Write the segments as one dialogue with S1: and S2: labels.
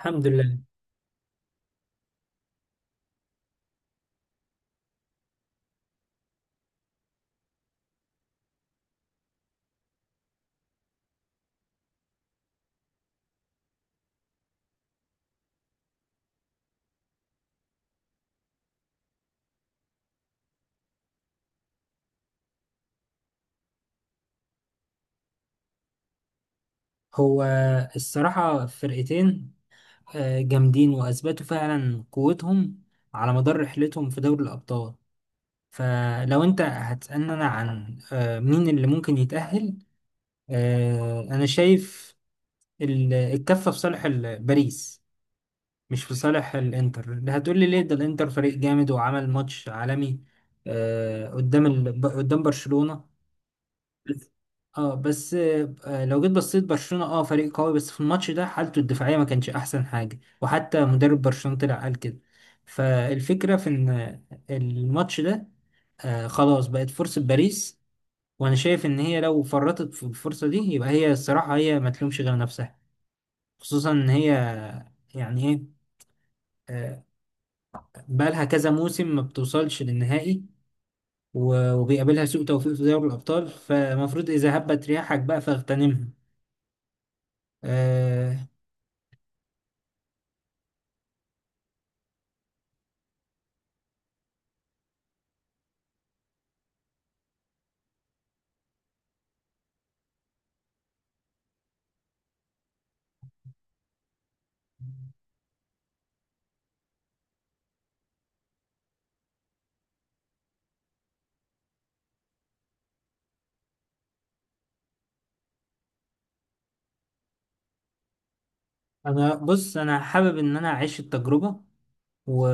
S1: الحمد لله. هو الصراحة فرقتين جامدين وأثبتوا فعلا قوتهم على مدار رحلتهم في دوري الأبطال. فلو أنت هتسألني عن مين اللي ممكن يتأهل. أنا شايف الكفة في صالح باريس، مش في صالح الإنتر. ده هتقولي ليه؟ ده الإنتر فريق جامد وعمل ماتش عالمي قدام قدام برشلونة. بس بس لو جيت بصيت برشلونة، اه فريق قوي، بس في الماتش ده حالته الدفاعية ما كانش احسن حاجة، وحتى مدرب برشلونة طلع قال كده. فالفكرة في ان الماتش ده خلاص بقت فرصة باريس، وانا شايف ان هي لو فرطت في الفرصة دي يبقى هي الصراحة هي ما تلومش غير نفسها. خصوصا ان هي، يعني ايه، آه بقالها كذا موسم ما بتوصلش للنهائي، وبيقابلها سوء توفيق في دوري الابطال، فالمفروض اذا هبت رياحك بقى فاغتنمها. آه، انا بص، انا حابب ان اعيش التجربه و...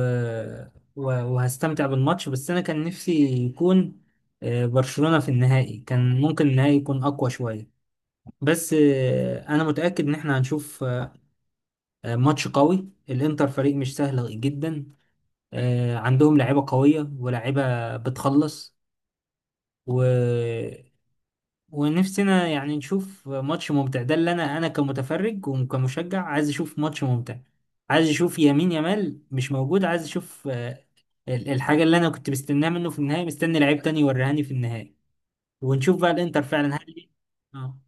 S1: و... وهستمتع بالماتش. بس انا كان نفسي يكون برشلونه في النهائي، كان ممكن النهائي يكون اقوى شويه. بس انا متاكد ان احنا هنشوف ماتش قوي. الانتر فريق مش سهل جدا، عندهم لعيبه قويه ولاعيبه بتخلص، و... ونفسنا يعني نشوف ماتش ممتع. ده اللي انا كمتفرج وكمشجع عايز اشوف ماتش ممتع، عايز اشوف يمين يمال مش موجود، عايز اشوف الحاجة اللي انا كنت مستناها منه في النهاية. مستني لعيب تاني يوريهاني في النهاية، ونشوف بقى الانتر فعلا هل. اه.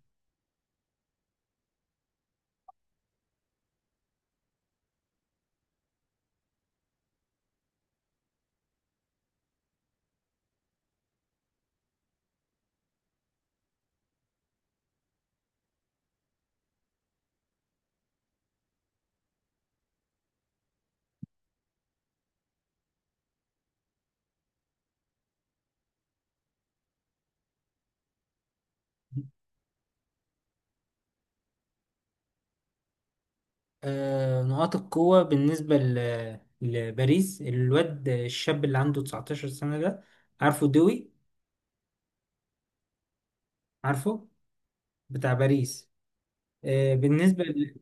S1: نقاط القوة بالنسبة لباريس، الواد الشاب اللي عنده 19 سنة ده، عارفه؟ دوي، عارفه، بتاع باريس. بالنسبة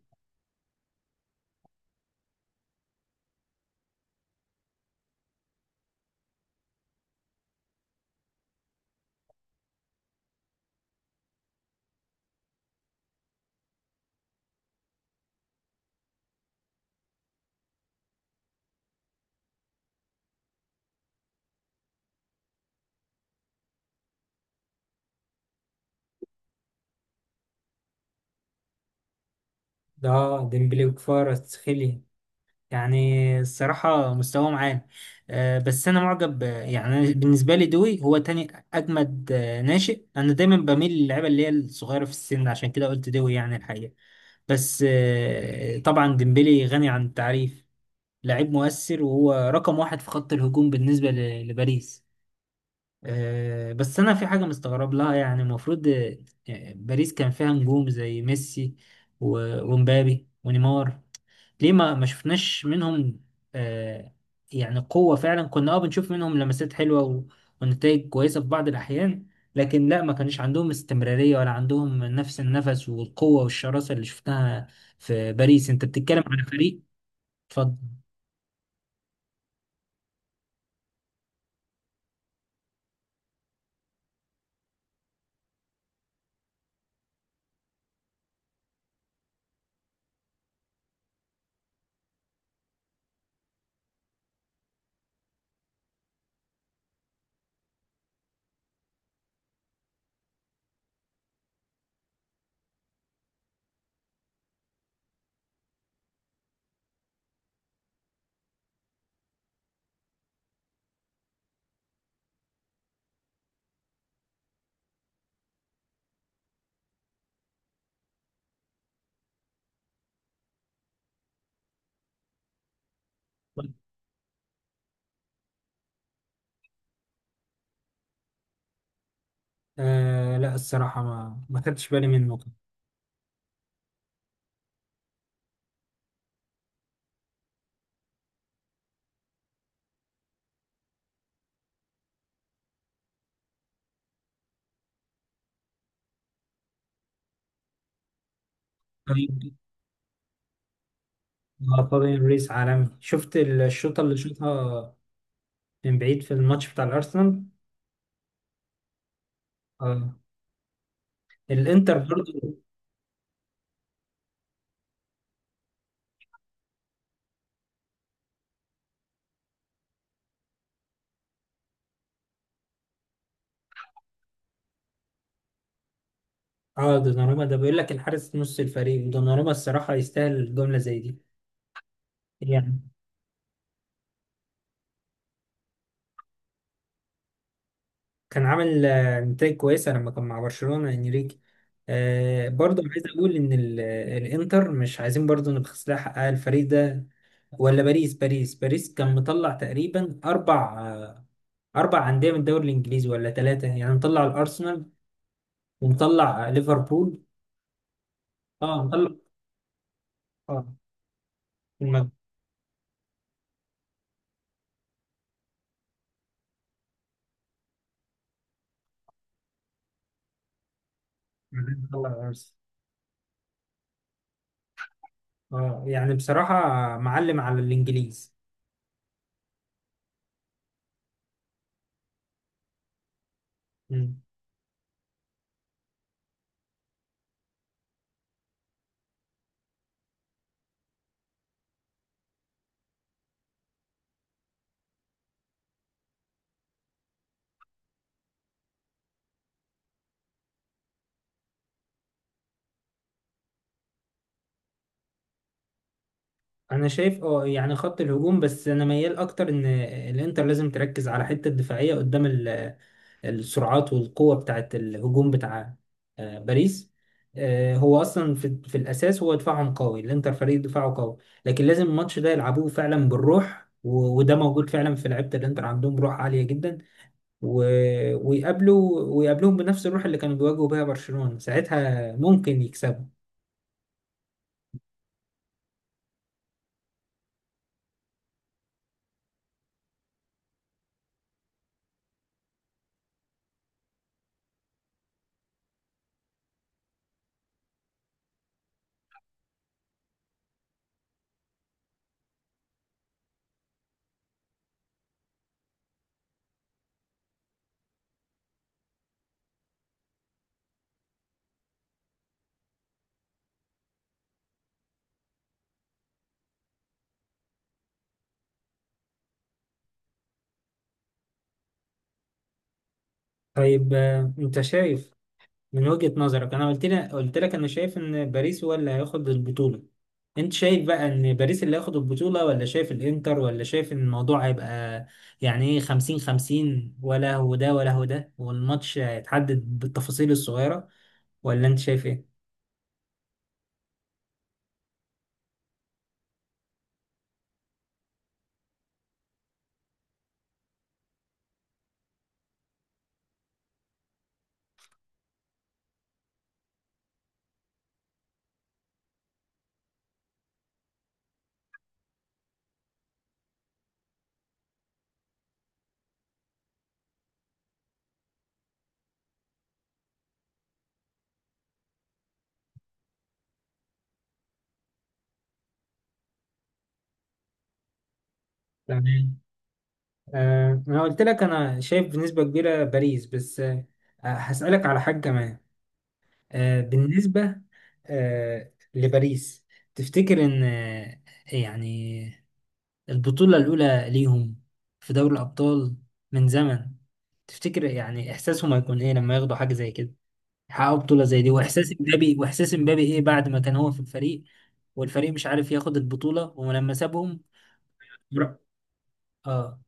S1: ده ديمبلي وكفارة تسخيلي، يعني الصراحة مستواه معانا بس أنا معجب. يعني أنا بالنسبة لي دوي هو تاني أجمد ناشئ. أنا دايما بميل للعيبة اللي هي الصغيرة في السن، عشان كده قلت دوي يعني الحقيقة. بس طبعا ديمبلي غني عن التعريف، لعيب مؤثر وهو رقم واحد في خط الهجوم بالنسبة لباريس. بس أنا في حاجة مستغرب لها، يعني المفروض باريس كان فيها نجوم زي ميسي ومبابي ونيمار، ليه ما شفناش منهم آه يعني قوة فعلا؟ كنا اه بنشوف منهم لمسات حلوة ونتائج كويسة في بعض الأحيان، لكن لا، ما كانش عندهم استمرارية ولا عندهم نفس النفس والقوة والشراسة اللي شفتها في باريس. انت بتتكلم على فريق. اتفضل. آه لا، الصراحة ما خدتش بالي منه. طيب. فابيان ريس عالمي، شفت الشوطة اللي شوطها من بعيد في الماتش بتاع الأرسنال. آه. الانتر برضه. اه، دوناروما ده بيقول لك الحارس نص الفريق، ودوناروما الصراحة يستاهل جملة زي دي. يعني كان عامل نتائج كويسة لما كان مع برشلونة انريكي. آه، برضه عايز اقول ان الانتر مش عايزين برضه نبخس لها حقها، الفريق ده ولا باريس كان مطلع تقريبا اربع اربع انديه من الدوري الانجليزي ولا ثلاثه، يعني مطلع الارسنال ومطلع ليفربول. اه، مطلع اه المغرب. مطلع الارسنال، اه يعني بصراحه معلم على الانجليز. مم. انا شايف اه يعني خط الهجوم، بس انا ميال اكتر ان الانتر لازم تركز على حته الدفاعيه قدام السرعات والقوه بتاعه الهجوم بتاع باريس. هو اصلا في الاساس هو دفاعهم قوي، الانتر فريق دفاعه قوي، لكن لازم الماتش ده يلعبوه فعلا بالروح، وده موجود فعلا في لعيبه الانتر، عندهم روح عاليه جدا. ويقابلوا، ويقابلوهم بنفس الروح اللي كانوا بيواجهوا بيها برشلونه، ساعتها ممكن يكسبوا. طيب انت شايف من وجهة نظرك؟ انا قلت لك انا شايف ان باريس هو اللي هياخد البطولة. انت شايف بقى ان باريس اللي هياخد البطولة، ولا شايف الانتر، ولا شايف ان الموضوع هيبقى يعني ايه 50 50، ولا هو ده ولا هو ده والماتش هيتحدد بالتفاصيل الصغيرة؟ ولا انت شايف ايه؟ تمام. آه انا قلت لك انا شايف بنسبة كبيرة باريس، بس آه هسألك على حاجة كمان. آه بالنسبة، آه لباريس، تفتكر ان يعني البطولة الأولى ليهم في دوري الأبطال من زمن، تفتكر يعني إحساسهم هيكون إيه لما ياخدوا حاجة زي كده، يحققوا بطولة زي دي؟ وإحساس إمبابي، إيه بعد ما كان هو في الفريق والفريق مش عارف ياخد البطولة، ولما سابهم؟ بر- آه.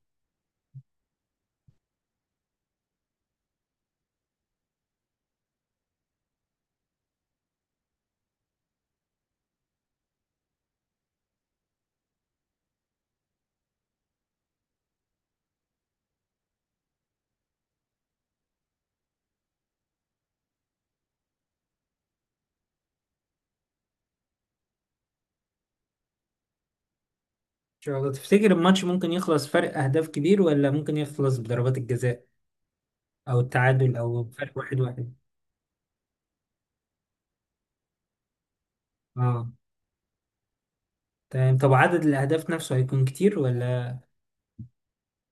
S1: إن شاء الله. تفتكر الماتش ممكن يخلص فرق أهداف كبير، ولا ممكن يخلص بضربات الجزاء أو التعادل أو فرق واحد واحد؟ آه تمام. طب عدد الأهداف نفسه هيكون كتير، ولا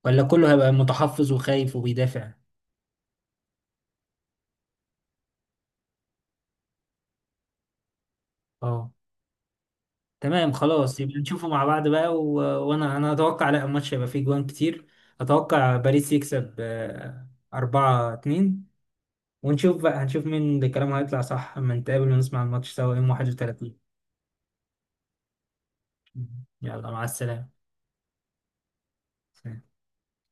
S1: كله هيبقى متحفظ وخايف وبيدافع؟ آه تمام. خلاص يبقى نشوفه مع بعض بقى. وانا، اتوقع لا، الماتش هيبقى فيه جوان كتير. اتوقع باريس يكسب أربعة اتنين، ونشوف بقى، هنشوف مين اللي كلامه هيطلع صح، اما نتقابل ونسمع الماتش سوا يوم 31. يلا مع السلامة.